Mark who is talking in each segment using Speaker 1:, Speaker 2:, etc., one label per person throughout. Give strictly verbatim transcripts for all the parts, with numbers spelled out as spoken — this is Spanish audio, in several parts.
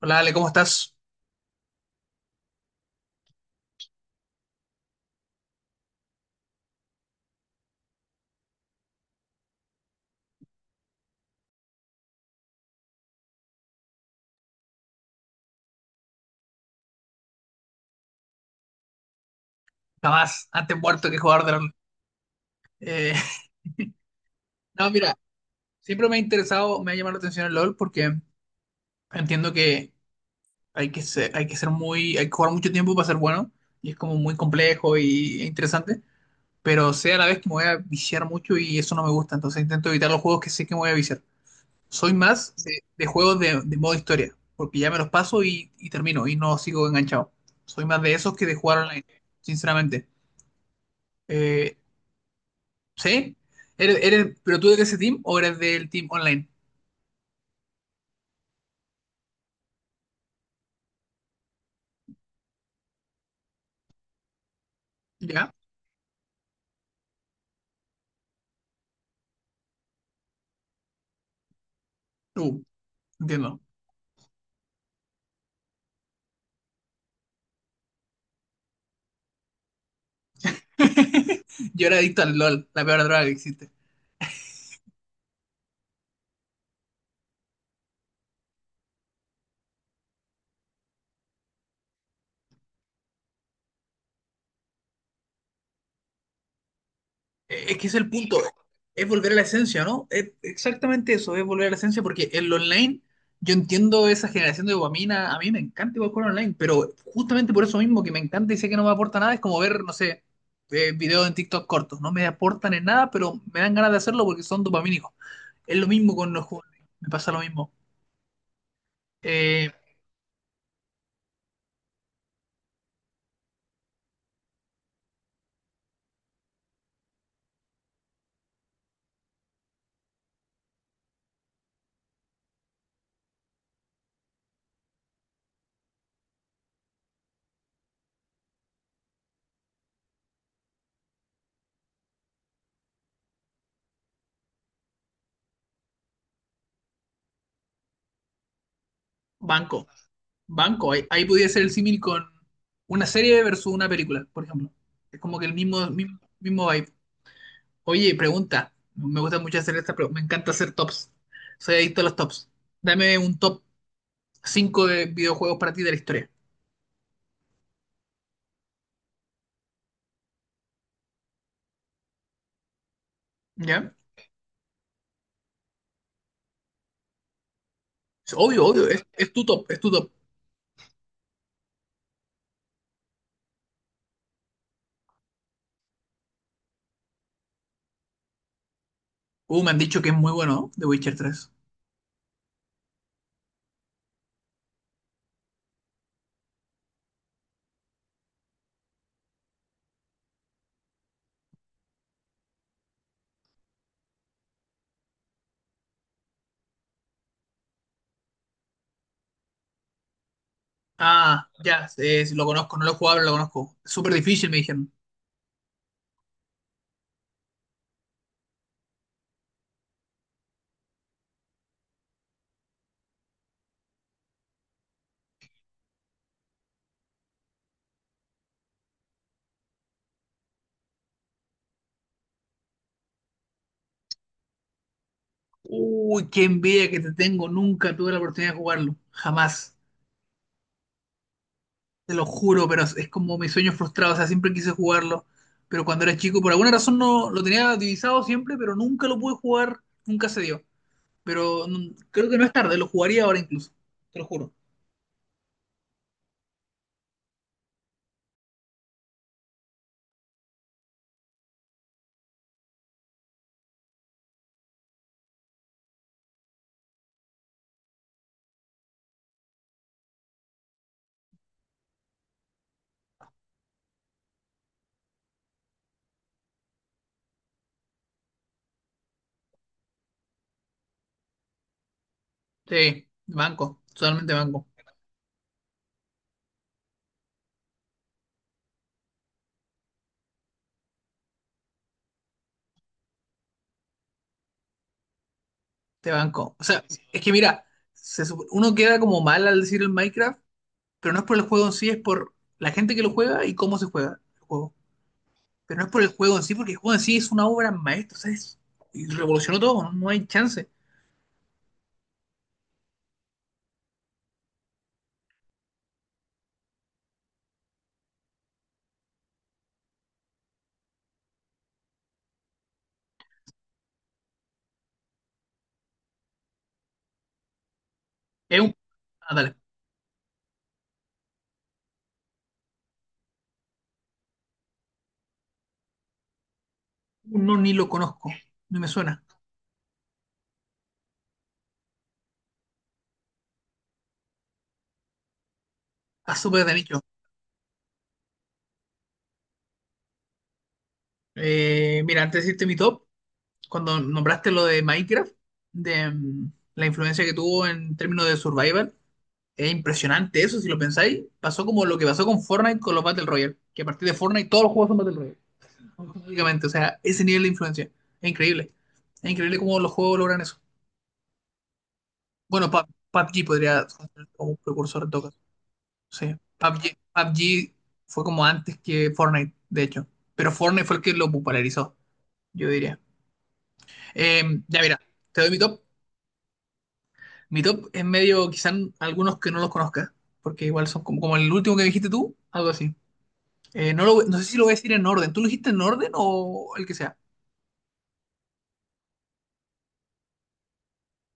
Speaker 1: Hola Ale, ¿cómo estás? Jamás, antes muerto que jugador de LOL. Eh, no, mira, siempre me ha interesado, me ha llamado la atención el LOL porque entiendo que hay que ser, hay que ser muy, hay que jugar mucho tiempo para ser bueno y es como muy complejo y e interesante, pero sé a la vez que me voy a viciar mucho y eso no me gusta, entonces intento evitar los juegos que sé que me voy a viciar. Soy más de, de juegos de, de modo historia, porque ya me los paso y, y termino y no sigo enganchado. Soy más de esos que de jugar online, sinceramente. Eh, ¿Sí? ¿Eres, eres, pero tú de ese team o eres del team online? ¿Ya? Uh, entiendo. Yo era adicto al LOL, la peor droga que existe. Eh, Es que es el punto, es volver a la esencia, ¿no? Es exactamente eso, es volver a la esencia, porque el online, yo entiendo esa generación de dopamina, a mí me encanta igual jugar online, pero justamente por eso mismo que me encanta y sé que no me aporta nada, es como ver, no sé, eh, videos en TikTok cortos, no me aportan en nada, pero me dan ganas de hacerlo porque son dopamínicos. Es lo mismo con los juegos online, me pasa lo mismo. Eh, banco. Banco, ahí, ahí podría ser el símil con una serie versus una película, por ejemplo. Es como que el mismo, mismo, mismo vibe. Oye, pregunta. Me gusta mucho hacer esta, pero me encanta hacer tops. Soy adicto a los tops. Dame un top cinco de videojuegos para ti de la historia. ¿Ya? Es obvio, obvio. Es, es tu top, es tu top. Uh, me han dicho que es muy bueno, ¿no? The Witcher tres. Ah, ya, eh, lo conozco, no lo he jugado, pero lo conozco. Súper difícil, me dijeron. Uy, qué envidia que te tengo. Nunca tuve la oportunidad de jugarlo. Jamás. Te lo juro, pero es es como mi sueño frustrado, o sea, siempre quise jugarlo, pero cuando era chico, por alguna razón no lo tenía divisado siempre, pero nunca lo pude jugar, nunca se dio. Pero mm, creo que no es tarde, lo jugaría ahora incluso, te lo juro. Sí, banco, totalmente banco, te banco. O sea, es que mira, se sup- uno queda como mal al decir el Minecraft, pero no es por el juego en sí, es por la gente que lo juega y cómo se juega el juego. Pero no es por el juego en sí, porque el juego en sí es una obra maestra, o sea, es- y revolucionó todo, no hay chance. Es un... Ah, dale. No, ni lo conozco, no me suena. Está súper de nicho. Eh, mira, antes de decirte mi top, cuando nombraste lo de Minecraft, de mm, la influencia que tuvo en términos de survival, es impresionante eso, si lo pensáis. Pasó como lo que pasó con Fortnite con los Battle Royale, que a partir de Fortnite todos los juegos son Battle Royale, automáticamente. O sea, ese nivel de influencia es increíble. Es increíble cómo los juegos logran eso. Bueno, Pub- P U B G podría ser como un precursor de todo. Sí. P U B G P U B G fue como antes que Fortnite, de hecho. Pero Fortnite fue el que lo popularizó, yo diría. Eh, ya mira, te doy mi top. Mi top es medio, quizás algunos que no los conozcas, porque igual son como, como el último que dijiste tú, algo así. Eh, no, lo- no sé si lo voy a decir en orden. ¿Tú lo dijiste en orden o el que sea?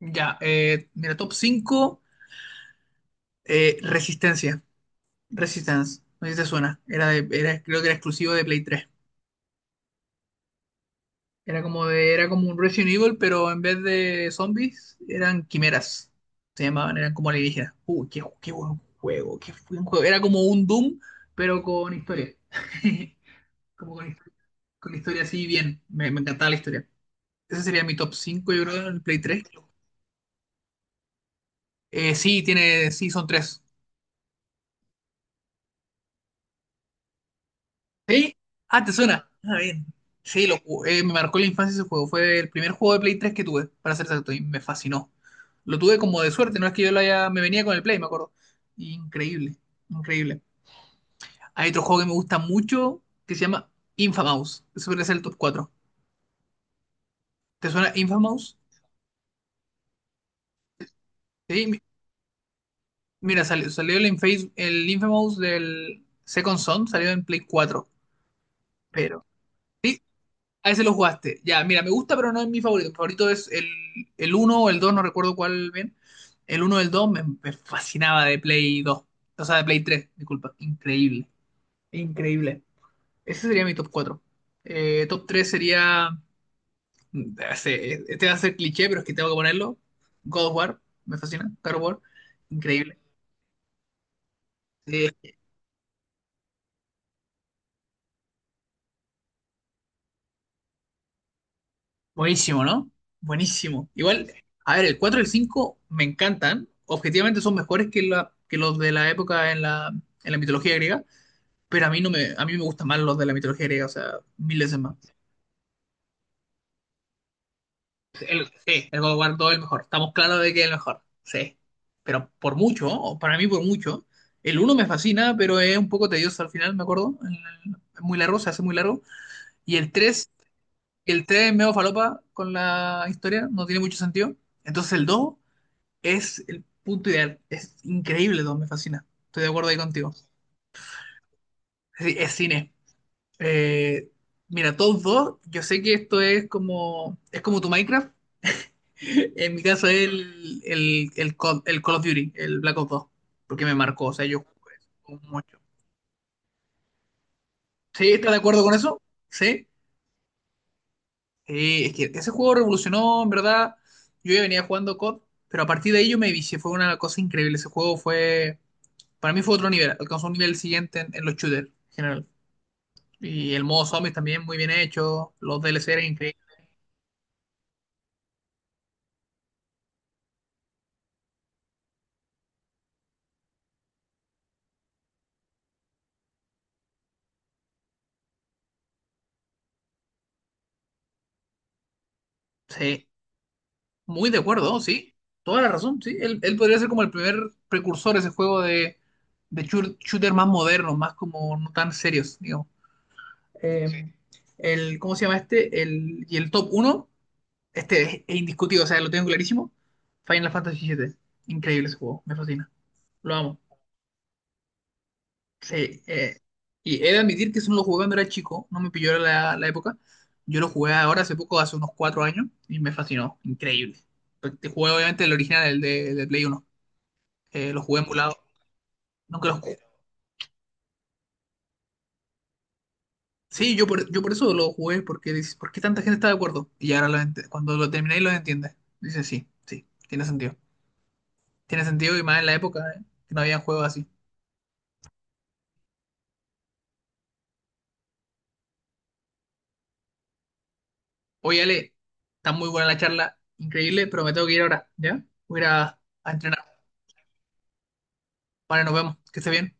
Speaker 1: Ya, eh, mira, top cinco eh, Resistencia. Resistance, no sé si te suena. Era de, era, creo que era exclusivo de Play tres. Era como de, era como un Resident Evil, pero en vez de zombies, eran quimeras. Se llamaban, eran como alienígenas. Uh, qué, qué buen juego, qué buen juego. Era como un Doom, pero con historia. Como con, histo- con historia así bien. Me, me encantaba la historia. Ese sería mi top cinco yo creo, en el Play tres. Eh, sí, tiene, sí, son tres. Sí, ah, te suena. Ah, bien. Sí, lo ju- eh, me marcó la infancia ese juego. Fue el primer juego de Play tres que tuve, para ser exacto, y me fascinó. Lo tuve como de suerte, no es que yo lo haya. Me venía con el Play, me acuerdo. Increíble, increíble. Hay otro juego que me gusta mucho que se llama Infamous. Ese podría ser el top cuatro. ¿Te suena Infamous? Sí, mi- mira, salió, salió el Infamous, el Infamous del Second Son, salió en Play cuatro. Pero. Sí, a ese lo jugaste. Ya, mira, me gusta, pero no es mi favorito. Mi favorito es el, el uno o el dos, no recuerdo cuál bien. El uno, o el dos me, me fascinaba de Play dos. O sea, de Play tres, disculpa. Increíble. Increíble. Ese sería mi top cuatro. Eh, top tres sería. Este este va a ser cliché, pero es que tengo que ponerlo. God of War, me fascina. God of War, increíble. Eh, Buenísimo, ¿no? Buenísimo. Igual, a ver, el cuatro y el cinco me encantan. Objetivamente son mejores que, la, que los de la época en la, en la mitología griega, pero a mí no me, a mí me gustan más los de la mitología griega, o sea, mil veces más. Sí, el God of War dos es el mejor. Estamos claros de que es el mejor. Sí. Pero por mucho, o para mí por mucho. El uno me fascina, pero es un poco tedioso al final, me acuerdo. El- Es muy largo, se hace muy largo. Y el tres el tres es medio falopa con la historia, no tiene mucho sentido. Entonces el dos es el punto ideal. Es increíble, dos, me fascina. Estoy de acuerdo ahí contigo. Es, es cine. Eh, mira, todos dos, yo sé que esto es como, es como tu Minecraft. En mi caso es el, el, el, Call, el Call of Duty, el Black Ops dos porque me marcó. O sea, yo jugué eso mucho. ¿Sí? ¿Estás de acuerdo con eso? Sí. Sí, es que ese juego revolucionó, en verdad. Yo ya venía jugando C O D, pero a partir de ahí yo me vicié. Fue una cosa increíble. Ese juego fue, para mí fue otro nivel. Alcanzó un nivel siguiente en, en los shooters en general. Y el modo zombies también muy bien hecho. Los D L C eran increíbles. Sí, muy de acuerdo, sí. Toda la razón, sí. Él, él podría ser como el primer precursor de ese juego de, de chur- shooter más modernos, más como no tan serios, digamos. Eh, Sí. el, ¿cómo se llama este? El, y el top uno este es, es indiscutido, o sea, lo tengo clarísimo. Final Fantasy siete. Increíble ese juego, me fascina. Lo amo. Sí, eh, y he de admitir que eso no lo jugué cuando era chico, no me pilló la, la época. Yo lo jugué ahora hace poco, hace unos cuatro años, y me fascinó, increíble. Pero te jugué obviamente el original, el de, de Play uno. Eh, lo jugué emulado, nunca lo jugué. Sí, yo por, yo por eso lo jugué, porque dices, ¿por qué tanta gente está de acuerdo? Y ahora lo ent- cuando lo terminé y lo entiendes, dices, sí, sí, tiene sentido. Tiene sentido y más en la época, eh, que no había juegos así. Oye, Ale, está muy buena la charla, increíble, pero me tengo que ir ahora, ¿ya? Voy a ir a, a entrenar. Vale, nos vemos, que esté bien.